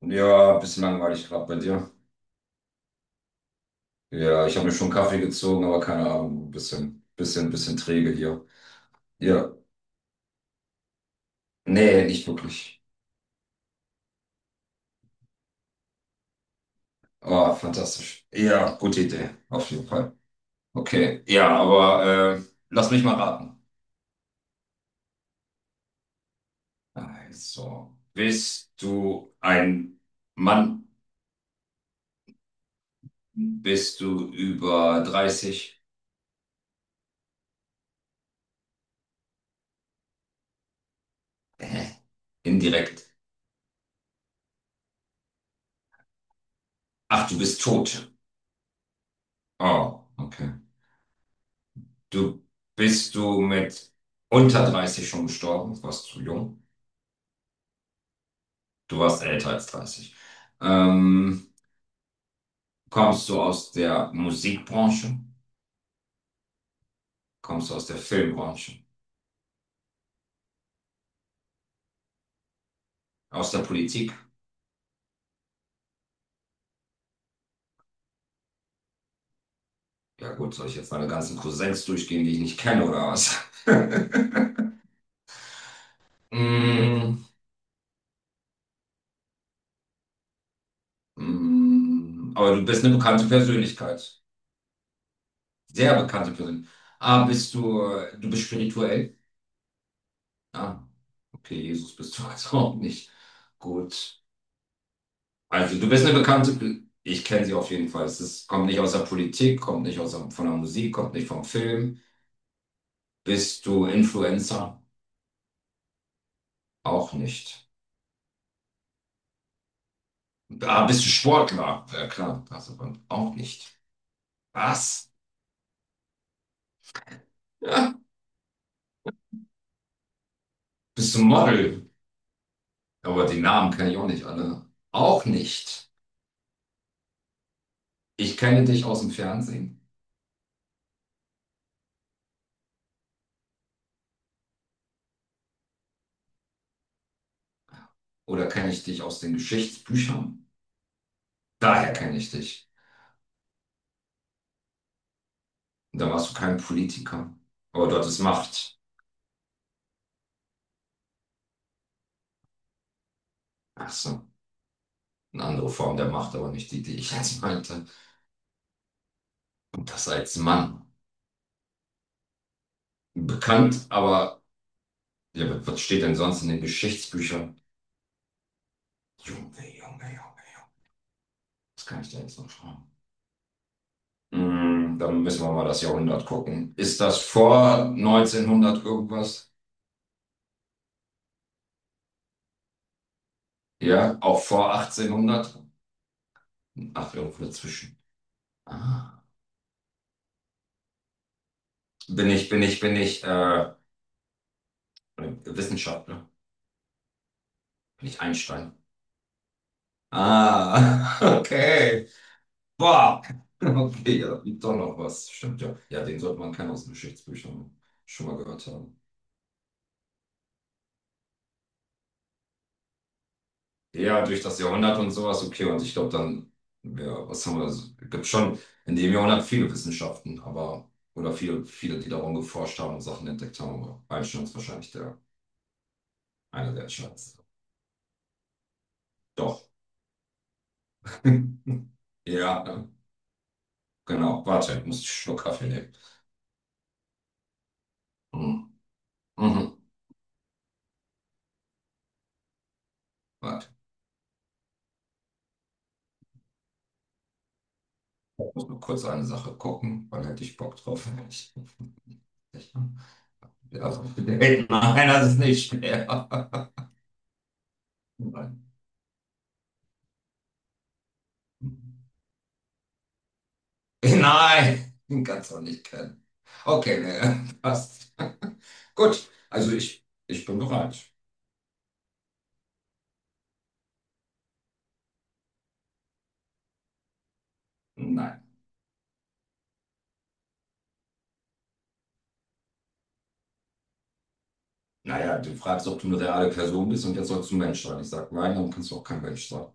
Ja, ein bisschen langweilig gerade bei dir. Ja, ich habe mir schon Kaffee gezogen, aber keine Ahnung, ein bisschen träge hier. Ja, nee, nicht wirklich. Ah, fantastisch. Ja, gute Idee, auf jeden Fall. Okay, ja, aber lass mich mal raten. Also, bist du ein Mann? Bist du über 30? Hä? Indirekt. Ach, du bist tot. Oh, okay. Du bist du mit unter 30 schon gestorben? Warst du jung? Du warst älter als 30. Ähm, Kommst du aus der Musikbranche? Kommst du aus der Filmbranche? Aus der Politik? Ja gut, soll ich jetzt meine ganzen Cousins durchgehen, die ich nicht kenne oder was? Mm, aber du bist eine bekannte Persönlichkeit. Sehr bekannte Persönlichkeit. Ah, du bist spirituell? Ah, okay, Jesus bist du also auch nicht. Gut. Also du bist eine bekannte, ich kenne sie auf jeden Fall. Es ist, kommt nicht aus der Politik, kommt nicht aus der, von der Musik, kommt nicht vom Film. Bist du Influencer? Auch nicht. Ah, bist du Sportler? Ja klar, das aber auch nicht. Was? Ja, bist du Model? Aber die Namen kenne ich auch nicht alle. Auch nicht. Ich kenne dich aus dem Fernsehen oder kenne ich dich aus den Geschichtsbüchern. Daher kenne ich dich. Und da warst du kein Politiker. Aber dort ist Macht. Ach so. Eine andere Form der Macht, aber nicht die, die ich jetzt meinte. Und das als Mann. Bekannt, aber ja, was steht denn sonst in den Geschichtsbüchern? Junge, Junge, Junge. Das kann ich da jetzt noch schreiben. Mm, dann müssen wir mal das Jahrhundert gucken. Ist das vor 1900 irgendwas? Ja, auch vor 1800? Ach, irgendwo dazwischen. Ah. Bin ich Wissenschaftler? Bin ich Einstein? Ah, okay. Boah, okay, ja, da liegt doch noch was. Stimmt ja. Ja, den sollte man kennen aus den Geschichtsbüchern schon mal gehört haben. Ja, durch das Jahrhundert und sowas, okay. Und ich glaube dann, ja, was haben wir? Es gibt schon in dem Jahrhundert viele Wissenschaften, aber, oder viele, viele, die darum geforscht haben und Sachen entdeckt haben. Aber Einstein ist wahrscheinlich einer der entscheidendsten. Doch. Ja, genau. Warte, ich muss einen Schluck Kaffee nehmen. Mhm. Mhm. Warte, ich muss nur kurz eine Sache gucken, wann hätte ich Bock drauf? Ich, ja Nein, das ist nicht schwer. Nein, Nein, den kannst du auch nicht kennen. Okay, nee, passt. Gut, also ich bin bereit. Nein. Naja, du fragst, ob du eine reale Person bist und jetzt sollst du ein Mensch sein. Ich sag nein, dann kannst du auch kein Mensch sein.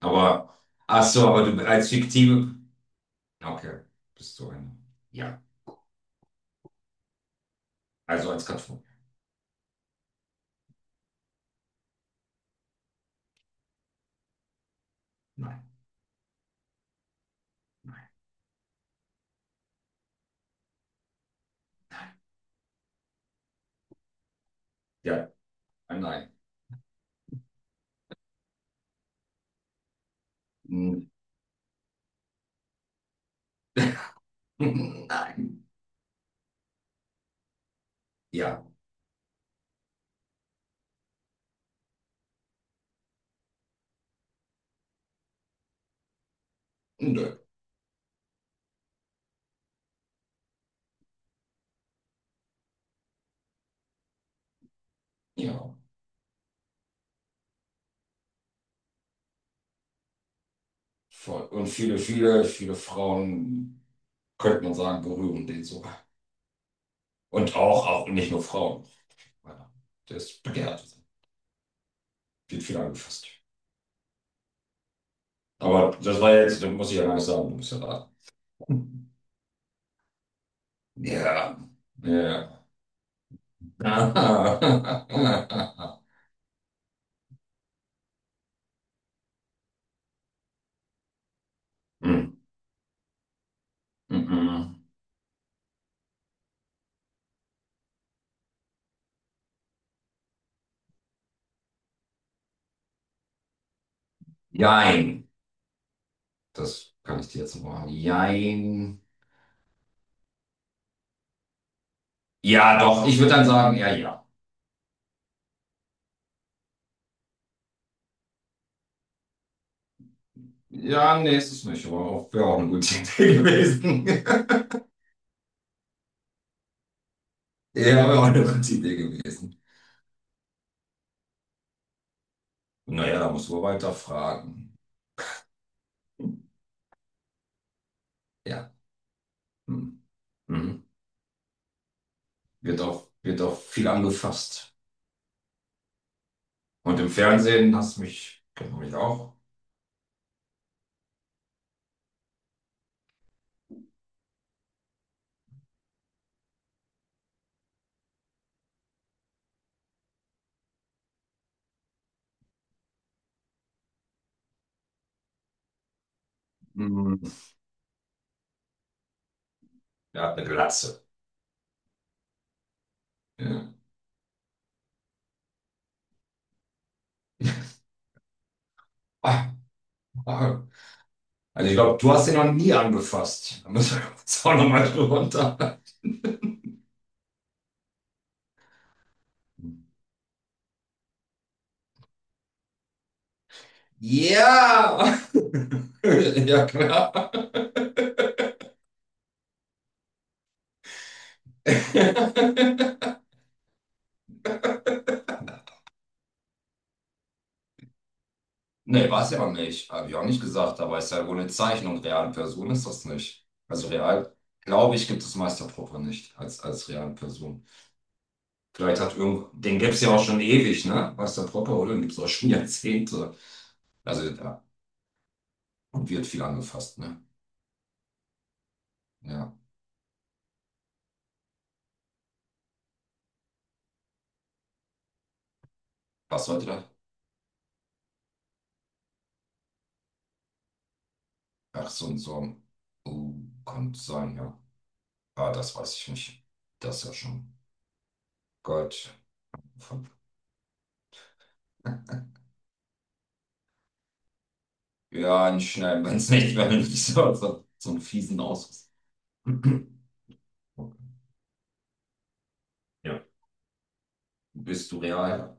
Aber, ach so, aber du als fiktive. Okay, bist du eine. Ja, also als Karton. Nein. Ja, nein. Nein. Ja, nö. Ja. Voll. Und viele Frauen, könnte man sagen, berühren den sogar. Und auch nicht nur Frauen. Ja, der ist begehrt. Wird viel angefasst. Aber das war jetzt, das muss ich ja gar nicht sagen, du bist ja da. Ja, ja. Hm, mhm. Jein. Das kann ich dir jetzt noch machen. Jein. Ja, doch, ich würde dann sagen, ja, ja. Ja, nee, ist es nicht, aber auch, wäre auch eine gute Idee gewesen. Ja, wäre auch eine gute Idee gewesen. Naja, da muss man weiter fragen. Ja. Hm. Mhm. Wird auch viel angefasst. Und im Fernsehen hast du mich, kennt man mich auch. Mhm. Der hat eine Glatze. Ja. Ah, ah. Also ich glaube, du hast ihn noch nie angefasst. Da müssen wir jetzt auch nochmal runter. Ja! Ja, klar. Nee, war es ja auch nicht. Habe ich auch nicht gesagt, aber ist ja wohl eine Zeichnung. Reale Person ist das nicht. Also real, glaube ich, gibt es Meister nicht als reale Person. Vielleicht hat irgend, den gibt es ja auch schon ewig, ne? Meister oder? Den gibt es auch schon Jahrzehnte. Also, ja, und wird viel angefasst, ne? Ja. Was sollte das? Ach, so ein Song. Uh, könnte sein, ja. Ah, das weiß ich nicht. Das ja schon. Gott. Ja, nicht schnell, wenn es nicht, wenn nicht so einen fiesen Ausschuss. Ja. Bist du real?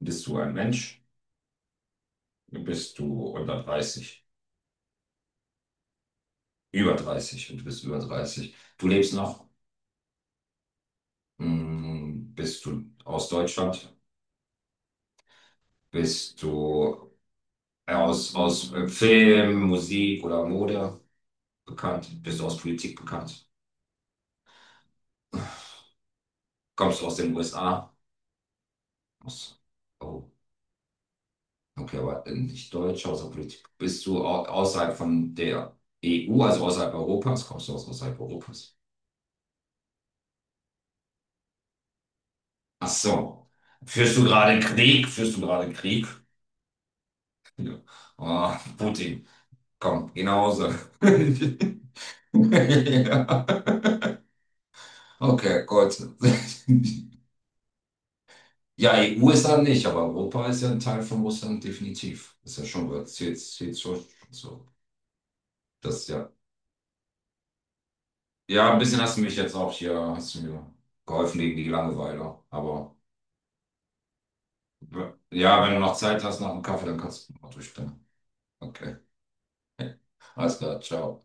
Bist du ein Mensch? Bist du unter 30, über 30 und bist über 30? Du lebst noch? Hm, bist du aus Deutschland? Bist du aus Film, Musik oder Mode bekannt? Bist du aus Politik bekannt? Kommst du aus den USA? Aus, oh, okay, aber nicht Deutsch, außer Politik. Bist du au- außerhalb von der EU, also außerhalb Europas? Kommst du aus außerhalb Europas? Ach so. Führst du gerade Krieg? Führst du gerade Krieg? Ja. Ah, Putin, komm, geh nach Hause. Ja. Okay, gut. Ja, EU ist dann nicht, aber Europa ist ja ein Teil von Russland, definitiv. Ist ja schon, was, zählt schon so. Das ist ja. Ja, ein bisschen hast du mich jetzt auch hier, hast du mir geholfen gegen die Langeweile. Aber ja, wenn du noch Zeit hast nach dem Kaffee, dann kannst du noch durchstellen. Okay. Alles klar, ciao.